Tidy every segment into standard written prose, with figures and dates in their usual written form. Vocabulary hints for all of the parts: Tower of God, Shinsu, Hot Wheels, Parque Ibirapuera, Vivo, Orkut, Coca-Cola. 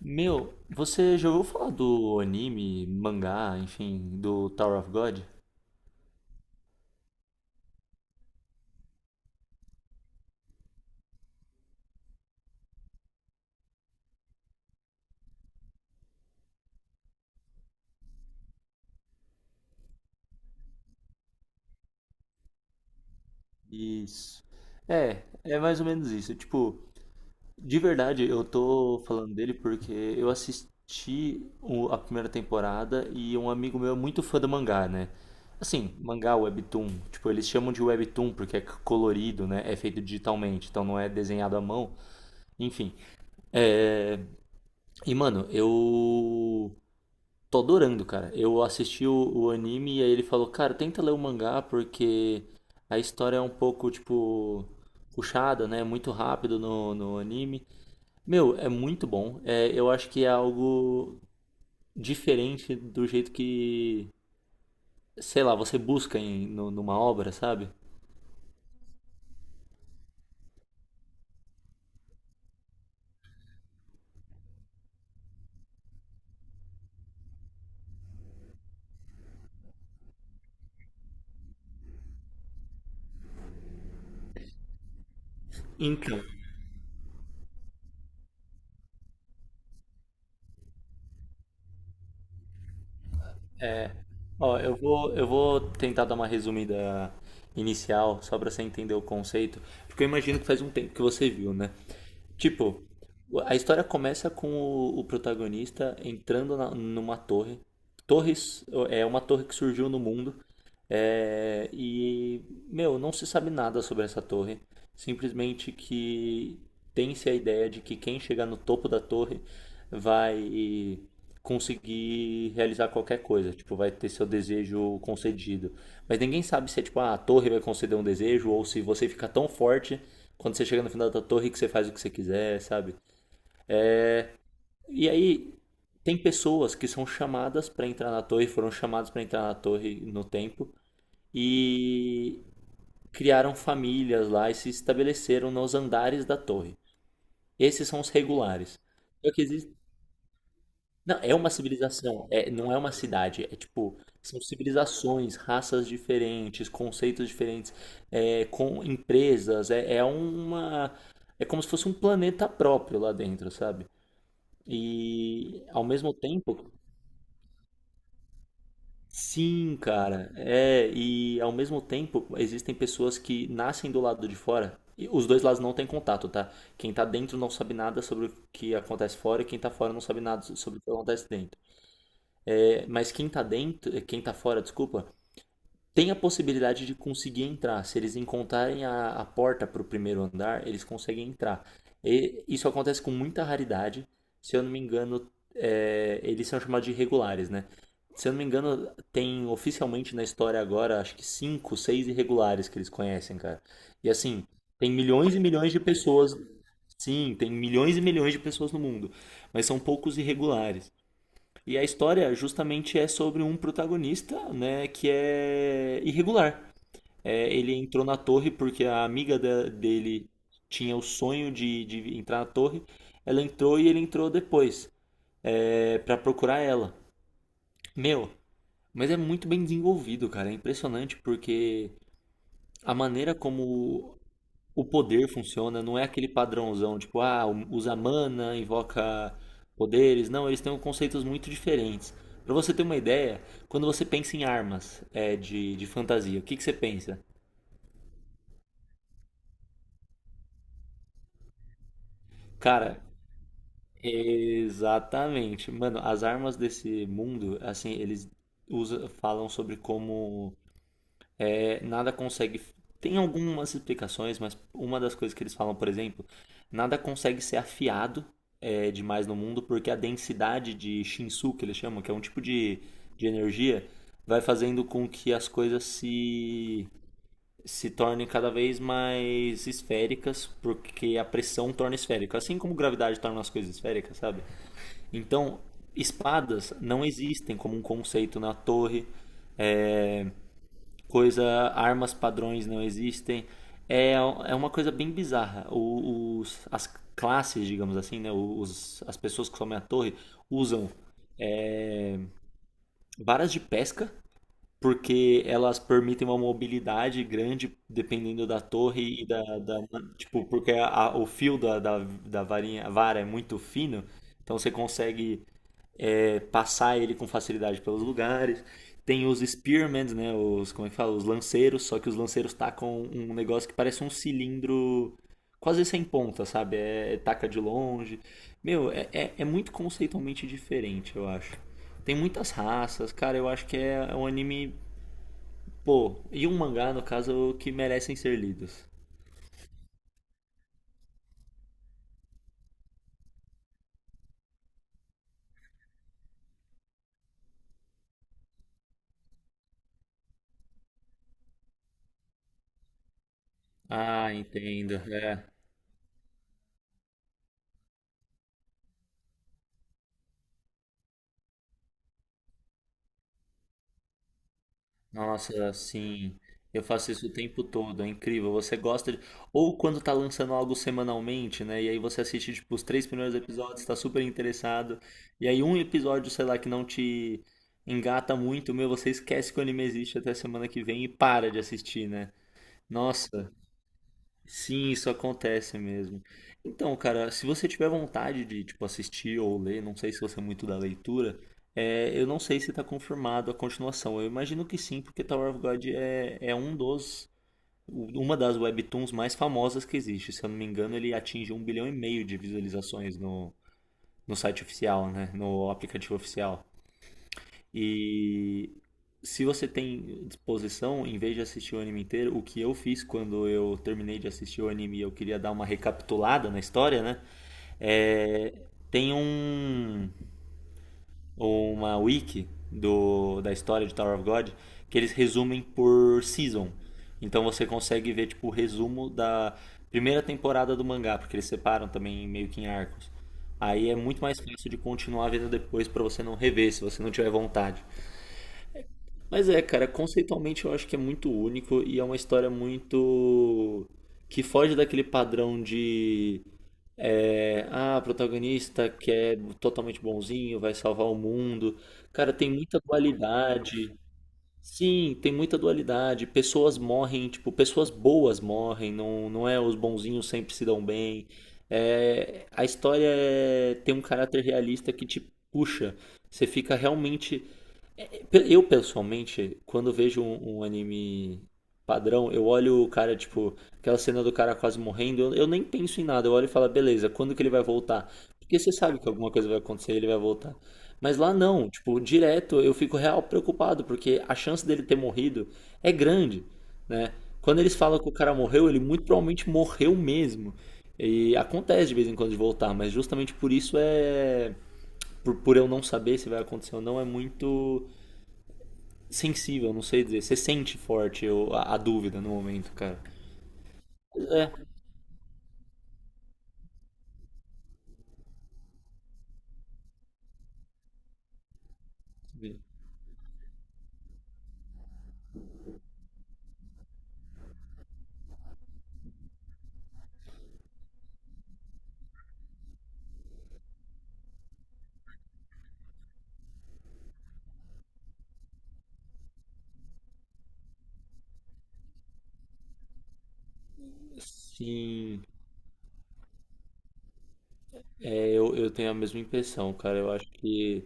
Meu, você já ouviu falar do anime, mangá, enfim, do Tower of God? Isso. É, é mais ou menos isso. Tipo, de verdade, eu tô falando dele porque eu assisti a primeira temporada e um amigo meu é muito fã do mangá, né? Assim, mangá, webtoon. Tipo, eles chamam de webtoon porque é colorido, né? É feito digitalmente, então não é desenhado à mão. Enfim. É... E, mano, eu. Tô adorando, cara. Eu assisti o anime e aí ele falou, cara, tenta ler o mangá porque a história é um pouco, tipo, puxada, né? Muito rápido no anime. Meu, é muito bom. É, eu acho que é algo diferente do jeito que, sei lá, você busca numa obra, sabe? Então, ó, eu vou tentar dar uma resumida inicial, só pra você entender o conceito, porque eu imagino que faz um tempo que você viu, né? Tipo, a história começa com o protagonista entrando numa torre. Torres é uma torre que surgiu no mundo. é, e, Meu, não se sabe nada sobre essa torre. Simplesmente que tem-se a ideia de que quem chegar no topo da torre vai conseguir realizar qualquer coisa, tipo, vai ter seu desejo concedido. Mas ninguém sabe se é tipo, ah, a torre vai conceder um desejo ou se você fica tão forte quando você chega no final da torre que você faz o que você quiser, sabe? E aí tem pessoas que são chamadas pra entrar na torre, foram chamadas pra entrar na torre no tempo e criaram famílias lá e se estabeleceram nos andares da torre. Esses são os regulares. Só que não, é uma civilização, é, não é uma cidade, é tipo, são civilizações, raças diferentes, conceitos diferentes, é, com empresas, é, é uma, é como se fosse um planeta próprio lá dentro, sabe? E ao mesmo tempo, sim, cara, e ao mesmo tempo existem pessoas que nascem do lado de fora, e os dois lados não têm contato, tá? Quem tá dentro não sabe nada sobre o que acontece fora e quem tá fora não sabe nada sobre o que acontece dentro. É, mas quem tá dentro, é, quem tá fora, desculpa, tem a possibilidade de conseguir entrar. Se eles encontrarem a porta para o primeiro andar, eles conseguem entrar. E isso acontece com muita raridade. Se eu não me engano, eles são chamados de irregulares, né? Se eu não me engano, tem oficialmente na história agora, acho que cinco, seis irregulares que eles conhecem, cara. E assim, tem milhões e milhões de pessoas. Sim, tem milhões e milhões de pessoas no mundo, mas são poucos irregulares. E a história justamente é sobre um protagonista, né, que é irregular. É, ele entrou na torre porque a amiga dele tinha o sonho de entrar na torre. Ela entrou e ele entrou depois, para procurar ela. Meu, mas é muito bem desenvolvido, cara. É impressionante porque a maneira como o poder funciona, não é aquele padrãozão, tipo, ah, usa mana, invoca poderes. Não, eles têm conceitos muito diferentes. Pra você ter uma ideia, quando você pensa em armas de fantasia, o que, que você pensa? Cara, exatamente. Mano, as armas desse mundo, assim, eles usa, falam sobre como nada consegue. Tem algumas explicações, mas uma das coisas que eles falam, por exemplo, nada consegue ser afiado demais no mundo porque a densidade de Shinsu, que eles chamam, que é um tipo de energia, vai fazendo com que as coisas se tornem cada vez mais esféricas, porque a pressão torna esférica. Assim como gravidade torna as coisas esféricas, sabe? Então, espadas não existem como um conceito na torre. É, coisa, armas padrões não existem. É uma coisa bem bizarra. As classes, digamos assim, né? As pessoas que somem a torre usam varas de pesca, porque elas permitem uma mobilidade grande dependendo da torre e tipo, porque o fio da varinha, a vara é muito fino, então você consegue passar ele com facilidade pelos lugares. Tem os Spearmen, né? Os, como é que fala? Os lanceiros, só que os lanceiros tacam um negócio que parece um cilindro quase sem ponta, sabe? É taca de longe. Meu, é muito conceitualmente diferente, eu acho. Tem muitas raças, cara, eu acho que é um anime, pô, e um mangá, no caso, que merecem ser lidos. Ah, entendo. É. Nossa, sim. Eu faço isso o tempo todo, é incrível. Você gosta de. Ou quando tá lançando algo semanalmente, né? E aí você assiste, tipo, os três primeiros episódios, tá super interessado. E aí um episódio, sei lá, que não te engata muito, meu, você esquece que o anime existe até semana que vem e para de assistir, né? Nossa, sim, isso acontece mesmo. Então, cara, se você tiver vontade de, tipo, assistir ou ler, não sei se você é muito da leitura, eu não sei se está confirmado a continuação. Eu imagino que sim, porque Tower of God é um dos, uma das webtoons mais famosas que existe. Se eu não me engano, ele atinge 1,5 bilhão de visualizações no site oficial, né? No aplicativo oficial. E se você tem disposição, em vez de assistir o anime inteiro, o que eu fiz quando eu terminei de assistir o anime e eu queria dar uma recapitulada na história, né? É, tem um, uma wiki do, da história de Tower of God que eles resumem por season. Então você consegue ver tipo o resumo da primeira temporada do mangá, porque eles separam também meio que em arcos. Aí é muito mais fácil de continuar vendo depois pra você não rever, se você não tiver vontade. Mas é, cara, conceitualmente eu acho que é muito único e é uma história muito. Que foge daquele padrão de. O protagonista que é totalmente bonzinho, vai salvar o mundo. Cara, tem muita dualidade. Sim, tem muita dualidade. Pessoas morrem, tipo, pessoas boas morrem, não, não é os bonzinhos sempre se dão bem. É, a história tem um caráter realista que te puxa. Você fica realmente. Eu, pessoalmente, quando vejo um anime padrão, eu olho o cara, tipo, aquela cena do cara quase morrendo, eu nem penso em nada, eu olho e falo, "Ah, beleza, quando que ele vai voltar? Porque você sabe que alguma coisa vai acontecer e ele vai voltar. Mas lá não, tipo, direto eu fico real preocupado, porque a chance dele ter morrido é grande, né? Quando eles falam que o cara morreu, ele muito provavelmente morreu mesmo. E acontece de vez em quando de voltar, mas justamente por isso é. Por eu não saber se vai acontecer ou não, é muito sensível, não sei dizer. Você sente forte a dúvida no momento, cara. É. Sim. Eu tenho a mesma impressão, cara. Eu acho que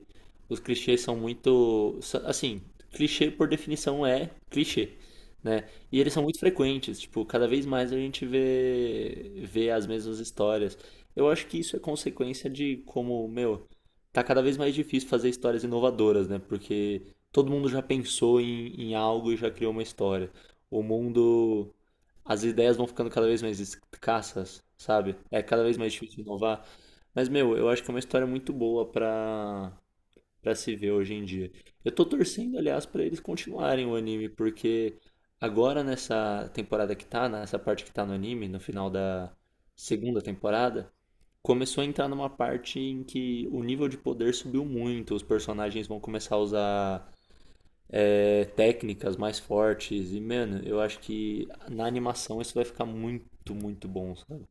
os clichês são muito. Assim, clichê por definição é clichê, né? E eles são muito frequentes, tipo, cada vez mais a gente vê as mesmas histórias. Eu acho que isso é consequência de como, meu, tá cada vez mais difícil fazer histórias inovadoras, né? Porque todo mundo já pensou em algo e já criou uma história. O mundo as ideias vão ficando cada vez mais escassas, sabe? É cada vez mais difícil inovar. Mas, meu, eu acho que é uma história muito boa pra se ver hoje em dia. Eu tô torcendo, aliás, pra eles continuarem o anime, porque agora nessa temporada que tá, nessa parte que tá no anime, no final da segunda temporada, começou a entrar numa parte em que o nível de poder subiu muito, os personagens vão começar a usar técnicas mais fortes. E, mano, eu acho que na animação isso vai ficar muito, muito bom, sabe?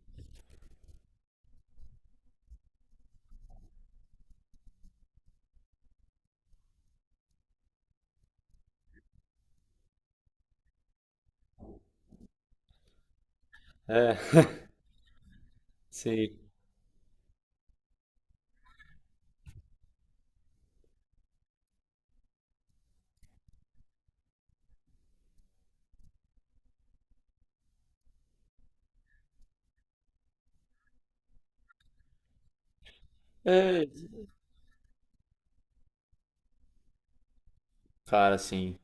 É, sim. É, cara, assim.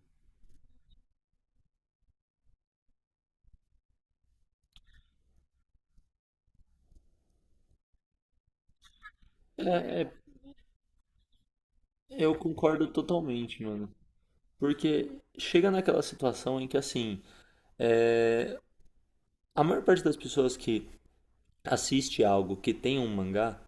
É, é, eu concordo totalmente, mano. Porque chega naquela situação em que, assim, a maior parte das pessoas que assiste algo que tem um mangá,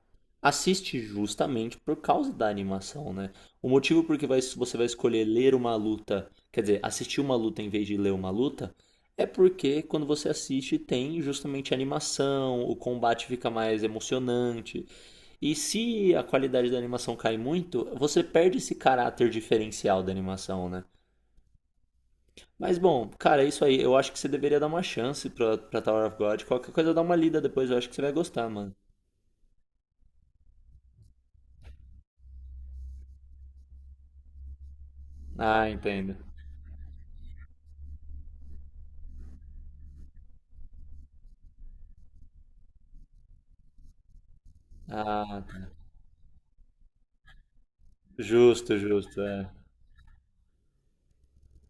assiste justamente por causa da animação, né? O motivo por que você vai escolher ler uma luta, quer dizer, assistir uma luta em vez de ler uma luta, é porque quando você assiste tem justamente animação, o combate fica mais emocionante. E se a qualidade da animação cai muito, você perde esse caráter diferencial da animação, né? Mas bom, cara, é isso aí. Eu acho que você deveria dar uma chance pra Tower of God. Qualquer coisa, dá uma lida depois. Eu acho que você vai gostar, mano. Ah, entendo. Ah, justo, justo. É.